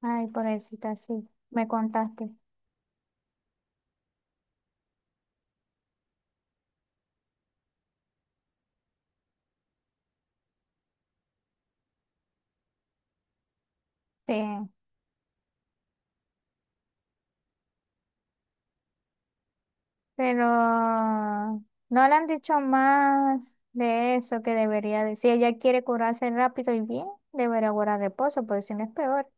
Ay, pobrecita, sí, me contaste. Sí, pero no le han dicho más de eso que debería decir. Si ella quiere curarse rápido y bien, debería guardar reposo, porque si no es peor.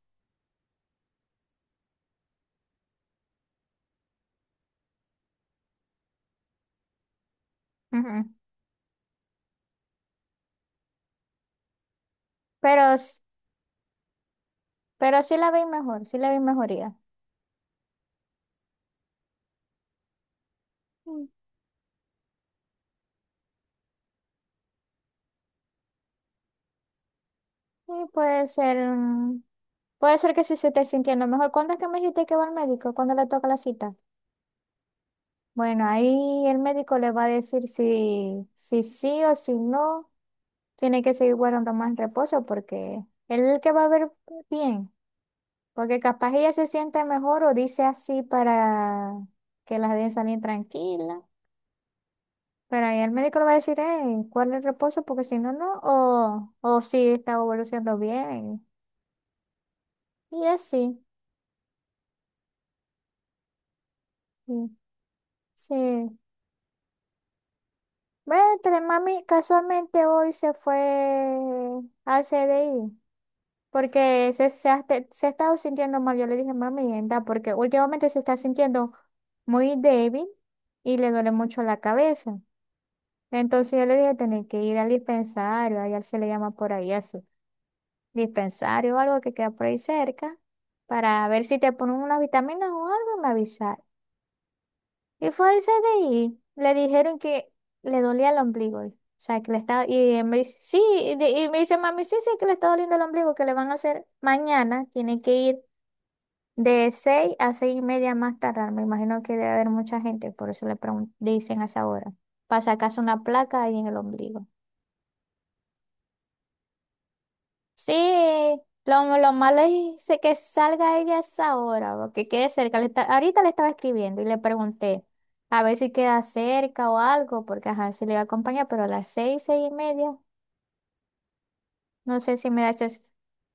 Ujú. Pero, s- pero, sí la veis mejor, sí la veis mejoría. Mm, Y puede ser que sí se esté sintiendo mejor. ¿Cuándo es que me dijiste que va al médico? ¿Cuándo le toca la cita? Bueno, ahí el médico le va a decir si sí o si no. Tiene que seguir guardando más reposo porque él es el que va a ver bien, porque capaz ella se siente mejor o dice así para que las dejen salir tranquila, pero ahí el médico le va a decir, ¿cuál es el reposo? Porque si no, no, o si está evolucionando bien. Y así, sí. Sí. Ve, entre mami, casualmente hoy se fue al C D I. Porque se ha estado sintiendo mal. Yo le dije, mami, anda, porque últimamente se está sintiendo muy débil y le duele mucho la cabeza. Entonces yo le dije, tenés que ir al dispensario, allá se le llama por ahí así, dispensario o algo que queda por ahí cerca, para ver si te ponen unas vitaminas o algo, me avisar. Y fue al CDI, le dijeron que le dolía el ombligo. O sea, que le estaba, y él me dice, sí, y me dice, mami, sí, sí, que le está doliendo el ombligo, que le van a hacer mañana, tiene que ir de 6 a 6:30 más tardar, me imagino que debe haber mucha gente, por eso le dicen a esa hora. Para sacarse una placa ahí en el ombligo. Sí, lo malo es que salga ella a esa hora, porque quede cerca. Ahorita le estaba escribiendo y le pregunté a ver si queda cerca o algo, porque ajá, si le va a acompañar, pero a las 6, 6:30. No sé si me da chance.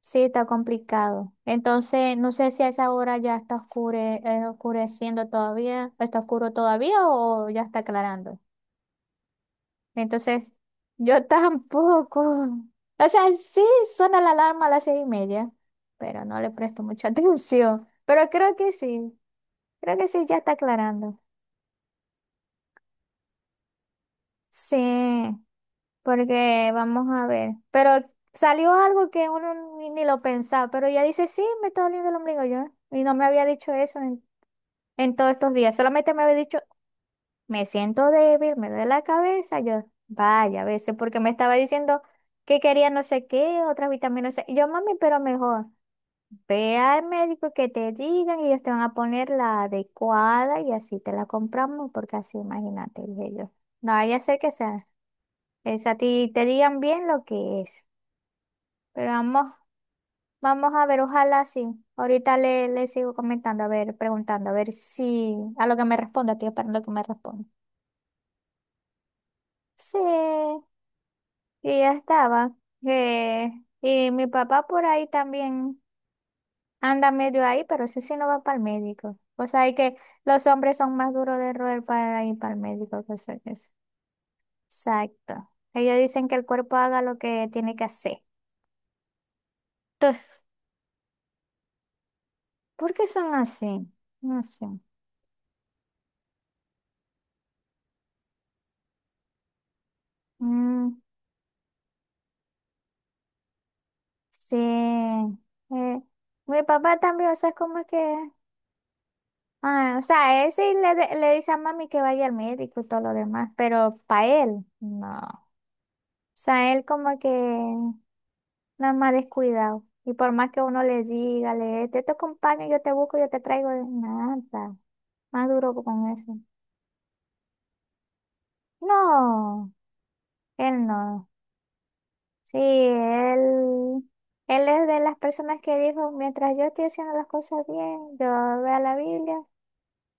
Sí, está complicado. Entonces, no sé si a esa hora ya está oscureciendo todavía, está oscuro todavía o ya está aclarando. Entonces, yo tampoco. O sea, sí suena la alarma a las 6:30, pero no le presto mucha atención. Pero creo que sí ya está aclarando. Sí. Porque vamos a ver. Pero salió algo que uno ni lo pensaba. Pero ella dice, sí, me está doliendo el ombligo yo. Y no me había dicho eso en todos estos días. Solamente me había dicho, me siento débil, me duele la cabeza. Yo, vaya, a veces, porque me estaba diciendo que quería no sé qué, otras vitaminas, no sé. Y yo, mami, pero mejor. Ve al médico que te digan y ellos te van a poner la adecuada y así te la compramos, porque así, imagínate, dije yo. No vaya a ser que sea. Es a ti te digan bien lo que es. Pero vamos, vamos a ver, ojalá sí. Ahorita le sigo comentando, a ver, preguntando, a ver si a lo que me responda, estoy esperando que me responda. Sí, y ya estaba. Eh, y mi papá por ahí también anda medio ahí, pero ese sí no va para el médico. O sea, hay que los hombres son más duros de roer para ir para el médico, que sé que es. Exacto. Ellos dicen que el cuerpo haga lo que tiene que hacer. Entonces, ¿por qué son así? No sé. Mm. Sí, mi papá también, o sea, es como que, ah, o sea, él sí le dice a mami que vaya al médico y todo lo demás, pero para él, no. O sea, él como que nada más descuidado. Y por más que uno le diga, te acompaño, yo te busco, yo te traigo, nada, más duro con eso. No, él no. Sí, él es de las personas que dijo, mientras yo estoy haciendo las cosas bien, yo veo la Biblia.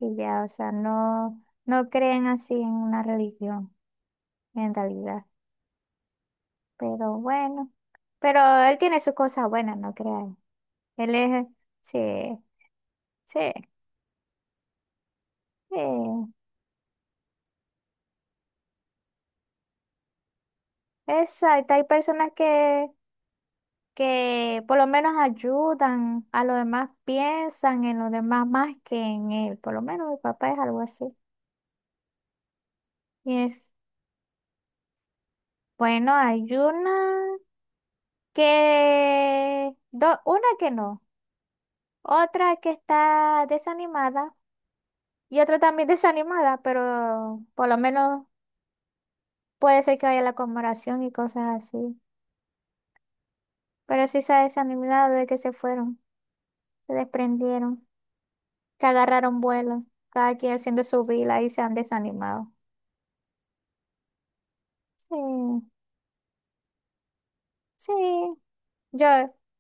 Y ya, o sea, no, no creen así en una religión, en realidad. Pero bueno, pero él tiene sus cosas buenas, no crean. Él es, sí, sí, sí. Exacto, hay personas que por lo menos ayudan a los demás, piensan en los demás más que en él. Por lo menos mi papá es algo así. Y es, bueno, hay una que no, otra que está desanimada. Y otra también desanimada, pero por lo menos puede ser que haya la conmemoración y cosas así. Pero sí se ha desanimado de que se fueron, se desprendieron, que agarraron vuelo, cada quien haciendo su vida y se han desanimado. Sí, sí, yo,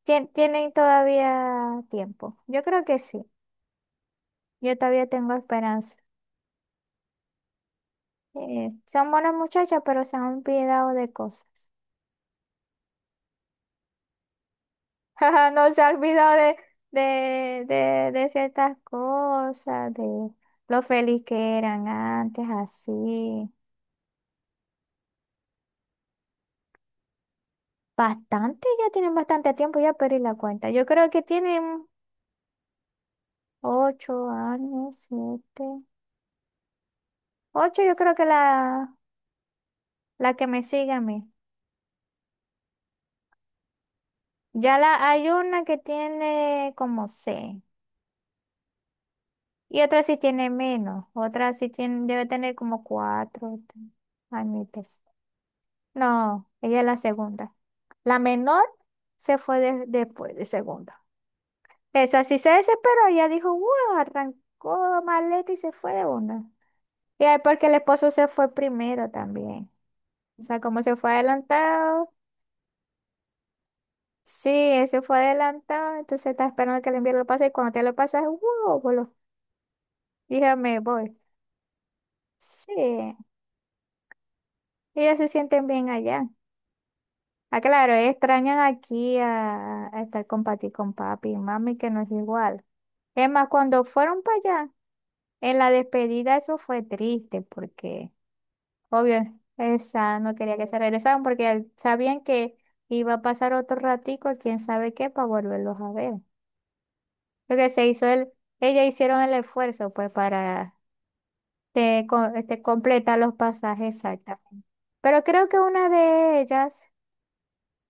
tienen todavía tiempo. Yo creo que sí, yo todavía tengo esperanza. Son buenas muchachas, pero se han olvidado de cosas. Ajá, no se ha olvidado de, de, de ciertas cosas, de lo feliz que eran antes, así. Bastante, ya tienen bastante tiempo, ya perdí la cuenta. Yo creo que tienen 8 años, 7. 8, yo creo que la que me sigue a mí. Ya hay una que tiene como seis. Y otra sí tiene menos. Otra sí tiene, debe tener como 4 añitos. No, ella es la segunda. La menor se fue después de segunda. Esa sí se desesperó, ella dijo, wow, arrancó maleta y se fue de una. Y ahí porque el esposo se fue primero también. O sea, como se fue adelantado, sí, él se fue adelantado, entonces está esperando que el envío lo pase y cuando te lo pasas, wow, boludo, dije, me voy. Sí, ellos se sienten bien allá. Ah, claro, extrañan aquí a estar con Pati, con papi y mami, que no es igual. Es más, cuando fueron para allá, en la despedida eso fue triste porque, obvio, esa no quería que se regresaran porque sabían que iba a pasar otro ratico, quién sabe qué, para volverlos a ver. Porque ellas hicieron el esfuerzo pues para completar los pasajes exactamente. Pero creo que una de ellas,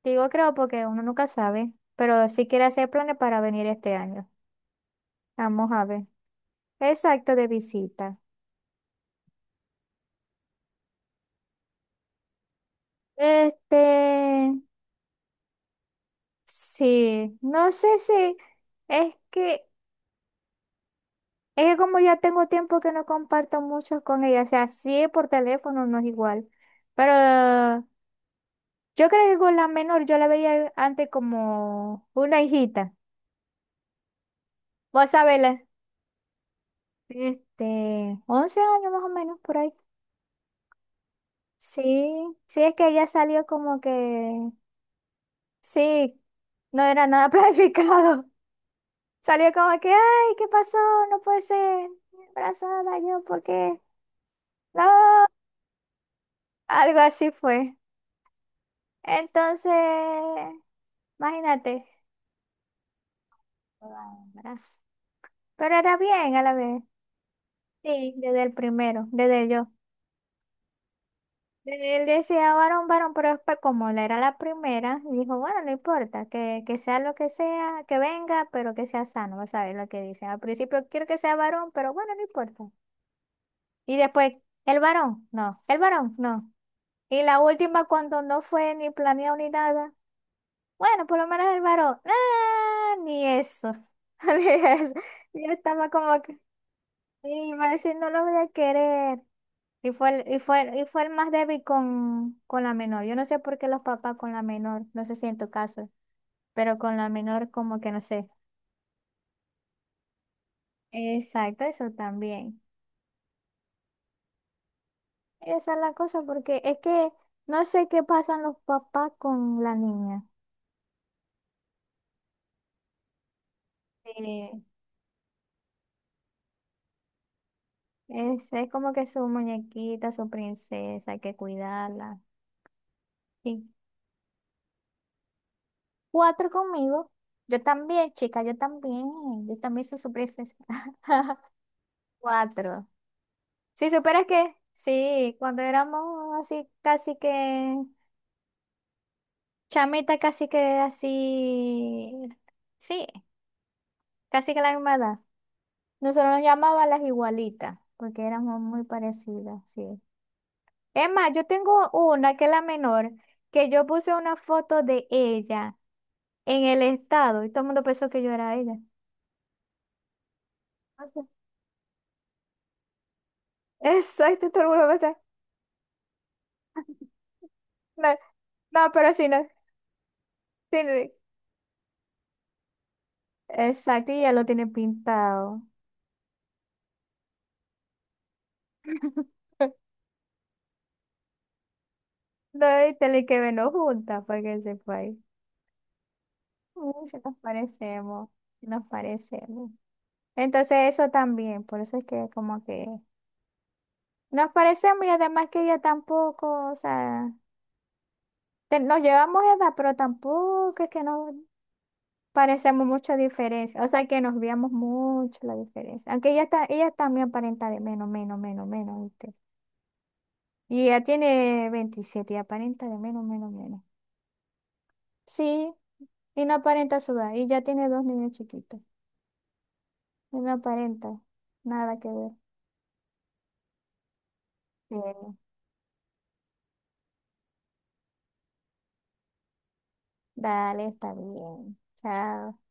digo creo porque uno nunca sabe, pero sí quiere hacer planes para venir este año. Vamos a ver. Exacto, de visita. Este, Sí, no sé si es que, es que como ya tengo tiempo que no comparto mucho con ella, o sea, sí por teléfono no es igual, pero yo creo que con la menor yo la veía antes como una hijita, vos sabés, 11 años más o menos por ahí. Sí, sí es que ella salió como que, sí, no era nada planificado, salió como que, ay, ¿qué pasó? No puede ser, embarazada yo, ¿por qué? No. Algo así fue. Entonces, imagínate. Ah, pero era bien a la vez. Sí, desde el primero, desde yo. Desde él decía varón, varón, pero después, como la era la primera, dijo, bueno, no importa, que sea lo que sea, que venga, pero que sea sano, vas a ver lo que dice. Al principio quiero que sea varón, pero bueno, no importa. Y después, el varón, no, el varón, no. Y la última, cuando no fue ni planeado ni nada. Bueno, por lo menos el varón. Ah, ni eso. Ni eso. Yo estaba como que, y me decía, no lo voy a querer. Y fue el más débil con la menor. Yo no sé por qué los papás con la menor, no sé si en tu caso, pero con la menor como que no sé. Exacto, eso también. Esa es la cosa, porque es que no sé qué pasan los papás con la niña. Sí, es como que su muñequita, su princesa, hay que cuidarla. Cuatro conmigo. Yo también, chica, yo también. Yo también soy su princesa. Cuatro. Si supieras que, sí, cuando éramos así, casi que, chamita, casi que así, sí, casi que la misma edad. Nosotros nos llamaban las igualitas, porque éramos muy parecidas, sí. Es más, yo tengo una que es la menor, que yo puse una foto de ella en el estado y todo el mundo pensó que yo era ella. O sea, exacto, todo el mundo pensó. No, no, pero si no, tiene- exacto, y ya lo tiene pintado. No, y tal y que menos juntas para que sepáis. Mm, si nos parecemos, si nos parecemos. Entonces eso también, por eso es que como que nos parecemos y además que ella tampoco, o sea, nos llevamos de edad, pero tampoco es que nos parecemos mucho diferencia, o sea que nos veamos mucho la diferencia, aunque ella está, ella también aparenta de menos, menos, menos, menos. Y ya tiene 27, y aparenta de menos, menos, menos. Sí, y no aparenta sudar. Y ya tiene dos niños chiquitos. Y no aparenta. Nada que ver. Bueno, dale, está bien. Chao.